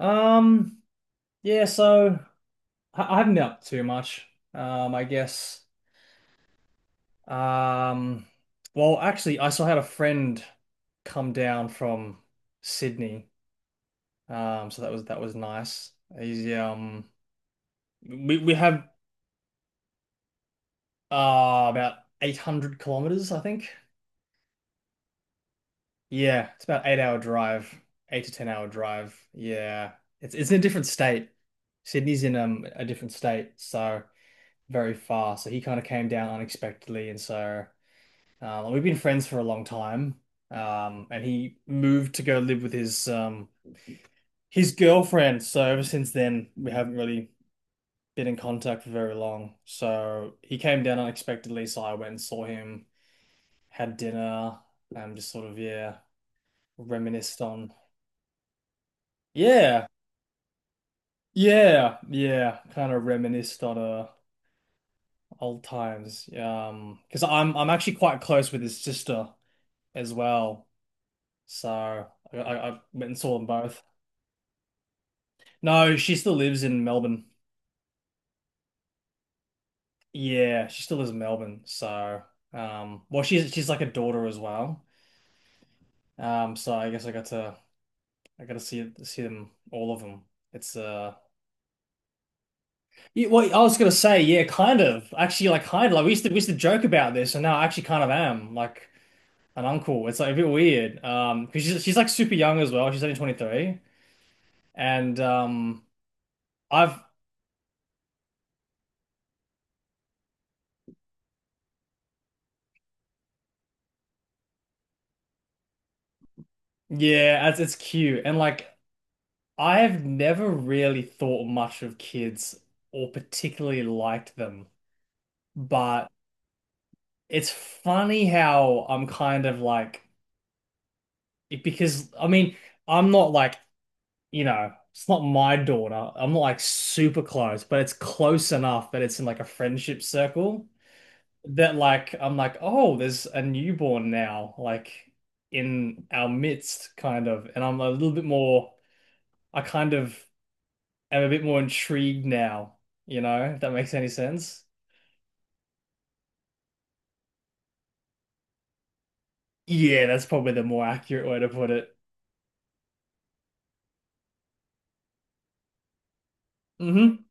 Um, yeah, so I haven't been up too much. I guess. Um, well, actually, I still had a friend come down from Sydney. So that was nice. He's, we have about 800 kilometers, I think. Yeah, it's about 8-hour drive, 8-to-10-hour drive. Yeah, it's in a different state. Sydney's in a different state, so. Very fast. So he kind of came down unexpectedly, and so we've been friends for a long time. And he moved to go live with his girlfriend. So ever since then, we haven't really been in contact for very long. So he came down unexpectedly, so I went and saw him, had dinner, and just sort of, yeah, reminisced on, yeah. Yeah, yeah, kind of reminisced on old times. Because I'm actually quite close with his sister as well. So I went and saw them both. No, she still lives in Melbourne. Yeah, she still lives in Melbourne. So, well, she's like a daughter as well. So I guess I got to see them, all of them. It's, yeah, well, I was gonna say, yeah, kind of, actually, like, kind of like we used to joke about this, and now I actually kind of am like an uncle. It's like a bit weird. Because she's like super young as well. She's only 23, and I've, yeah, it's cute, and like. I have never really thought much of kids or particularly liked them, but it's funny how I'm kind of like, because I mean, I'm not like, it's not my daughter. I'm not like super close, but it's close enough that it's in like a friendship circle, that like, I'm like, oh, there's a newborn now, like, in our midst, kind of. And I'm a little bit more, I kind of. Am a bit more intrigued now, you know, if that makes any sense. Yeah, that's probably the more accurate way to put it. Hmm.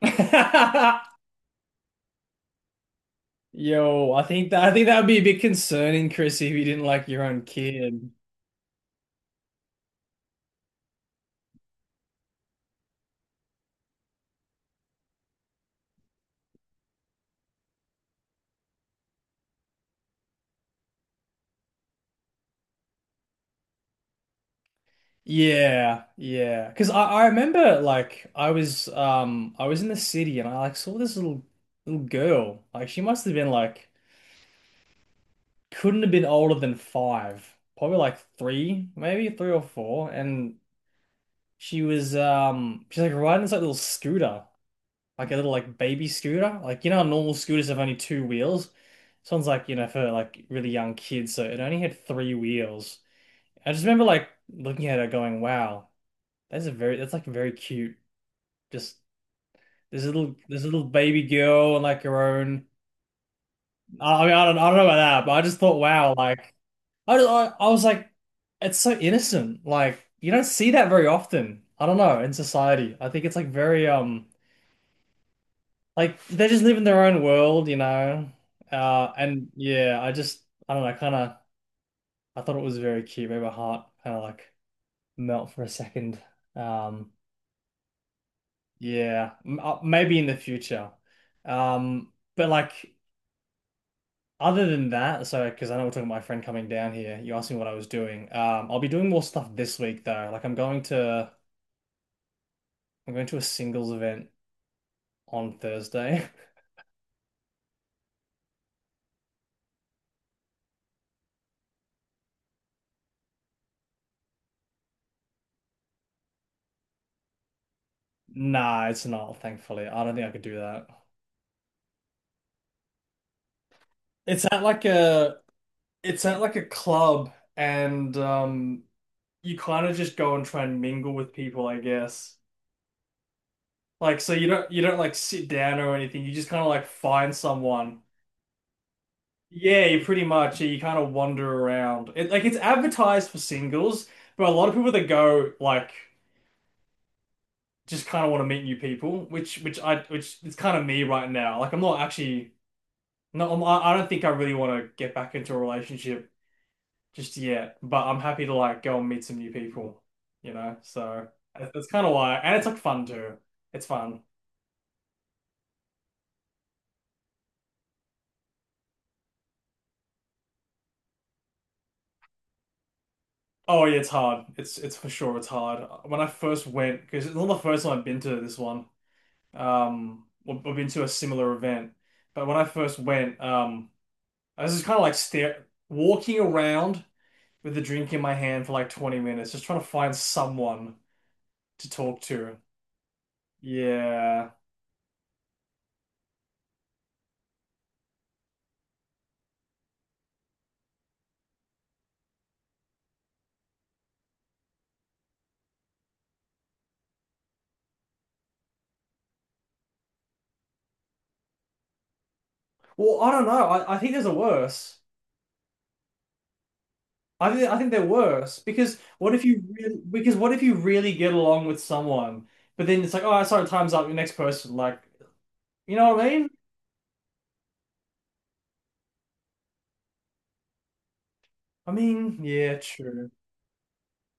Yo, I think that would be a bit concerning, Chris, if you didn't like your own kid. Yeah, yeah. Because I remember, like, I was in the city and I like saw this little girl. Like, she must have been like, couldn't have been older than 5, probably like 3, maybe 3 or 4. And she's like riding this like little scooter, like a little like baby scooter. Like, you know how normal scooters have only two wheels? This one's like, for like really young kids, so it only had three wheels. I just remember like looking at her going, wow, that's like very cute. Just this little baby girl, and like her own. I mean, I don't, I don't know about that, but I just thought, wow, like, I just, I was like, it's so innocent. Like, you don't see that very often. I don't know, in society. I think it's like very like they just live in their own world, you know. And yeah, I don't know, kind of, I thought it was very cute. Made my heart kind of like melt for a second. Um, yeah, m maybe in the future. But like, other than that, so, because I know we're talking about my friend coming down here, you asked me what I was doing. I'll be doing more stuff this week though. Like, I'm going to a singles event on Thursday. Nah, it's not, thankfully. I don't think I could do that. It's at like a it's at like a club, and you kind of just go and try and mingle with people, I guess. Like, so you don't like sit down or anything. You just kind of like find someone. Yeah, you pretty much, yeah, you kind of wander around. It's advertised for singles, but a lot of people that go like just kind of want to meet new people, which I which it's kind of me right now. Like, I'm not actually, no, I don't think I really want to get back into a relationship just yet, but I'm happy to like go and meet some new people, you know? So that's kind of why. And it's like fun too. It's fun. Oh yeah, it's hard. It's for sure, it's hard. When I first went, because it's not the first time I've been to this one. Well, I've been to a similar event, but when I first went, I was just kind of like stare walking around with a drink in my hand for like 20 minutes, just trying to find someone to talk to. Yeah. Well, I don't know. I think there's a worse. I think they're worse, because what if you really, because what if you really get along with someone, but then it's like, oh, sorry, time's up, your next person. Like, you know what I mean? I mean, yeah, true.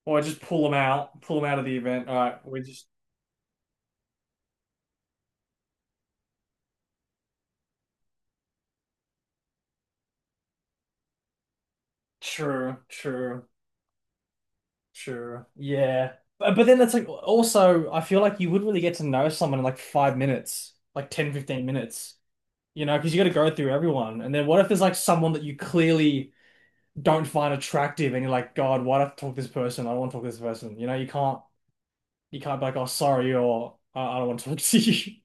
Or I just pull them out of the event. All right, we just, true, true, true. Yeah, but then it's like, also, I feel like you wouldn't really get to know someone in like 5 minutes, like 10, 15 minutes, because you got to go through everyone. And then what if there's like someone that you clearly don't find attractive and you're like, God, why do I have to talk to this person? I don't want to talk to this person. You can't be like, oh, sorry, or I don't want to talk to you.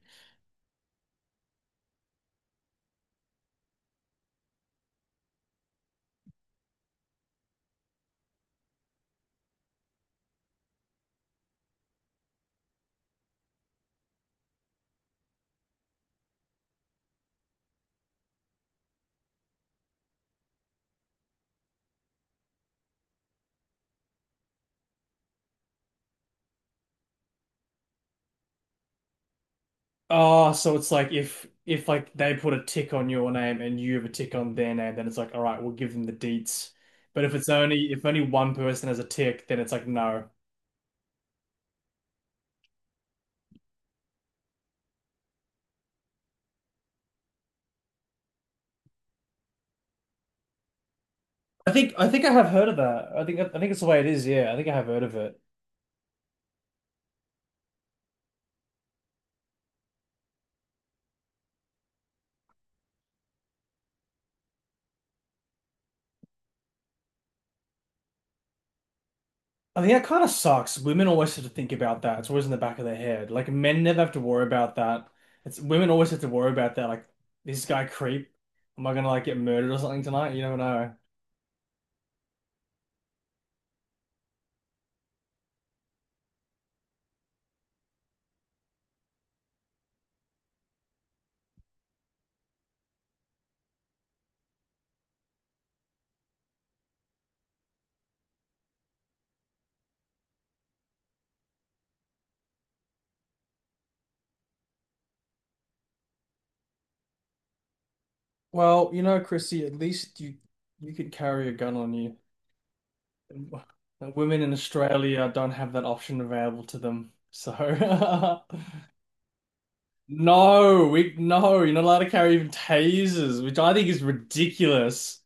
Oh, so it's like, if like they put a tick on your name and you have a tick on their name, then it's like, all right, we'll give them the deets. But if only one person has a tick, then it's like, no. I think I have heard of that. I think it's the way it is, yeah. I think I have heard of it. I think that kind of sucks. Women always have to think about that. It's always in the back of their head. Like, men never have to worry about that. It's women always have to worry about that. Like, this guy creep. Am I gonna like get murdered or something tonight? You never know. Well, you know, Chrissy, at least you could carry a gun on you. The women in Australia don't have that option available to them. So no, you're not allowed to carry even tasers, which I think is ridiculous.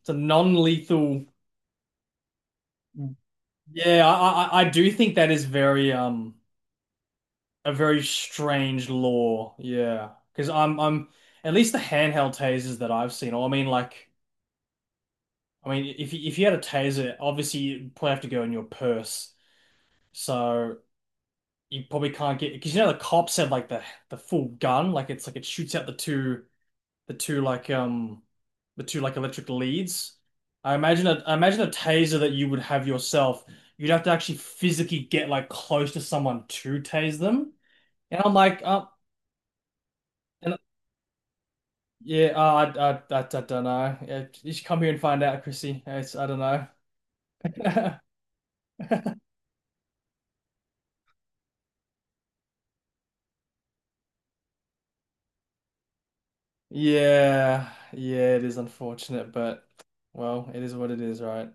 It's a non-lethal. Yeah, I do think that is very a very strange law. Yeah, because I'm at least the handheld tasers that I've seen. Or I mean, like, if you had a taser, obviously you probably have to go in your purse, so you probably can't get, because you know the cops have like the full gun, like, it's like it shoots out the two. The two like um the two like electric leads. I imagine a taser that you would have yourself. You'd have to actually physically get like close to someone to tase them. And I'm like, and yeah, I don't know. Yeah, you should come here and find out, Chrissy. It's, I don't know. Yeah, yeah, it is unfortunate, but well, it is what it is, right?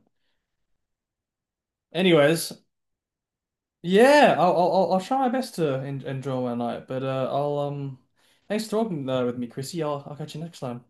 Anyways, yeah, I'll try my best to en enjoy my night, but, I'll, thanks for talking, with me, Chrissy. I'll catch you next time.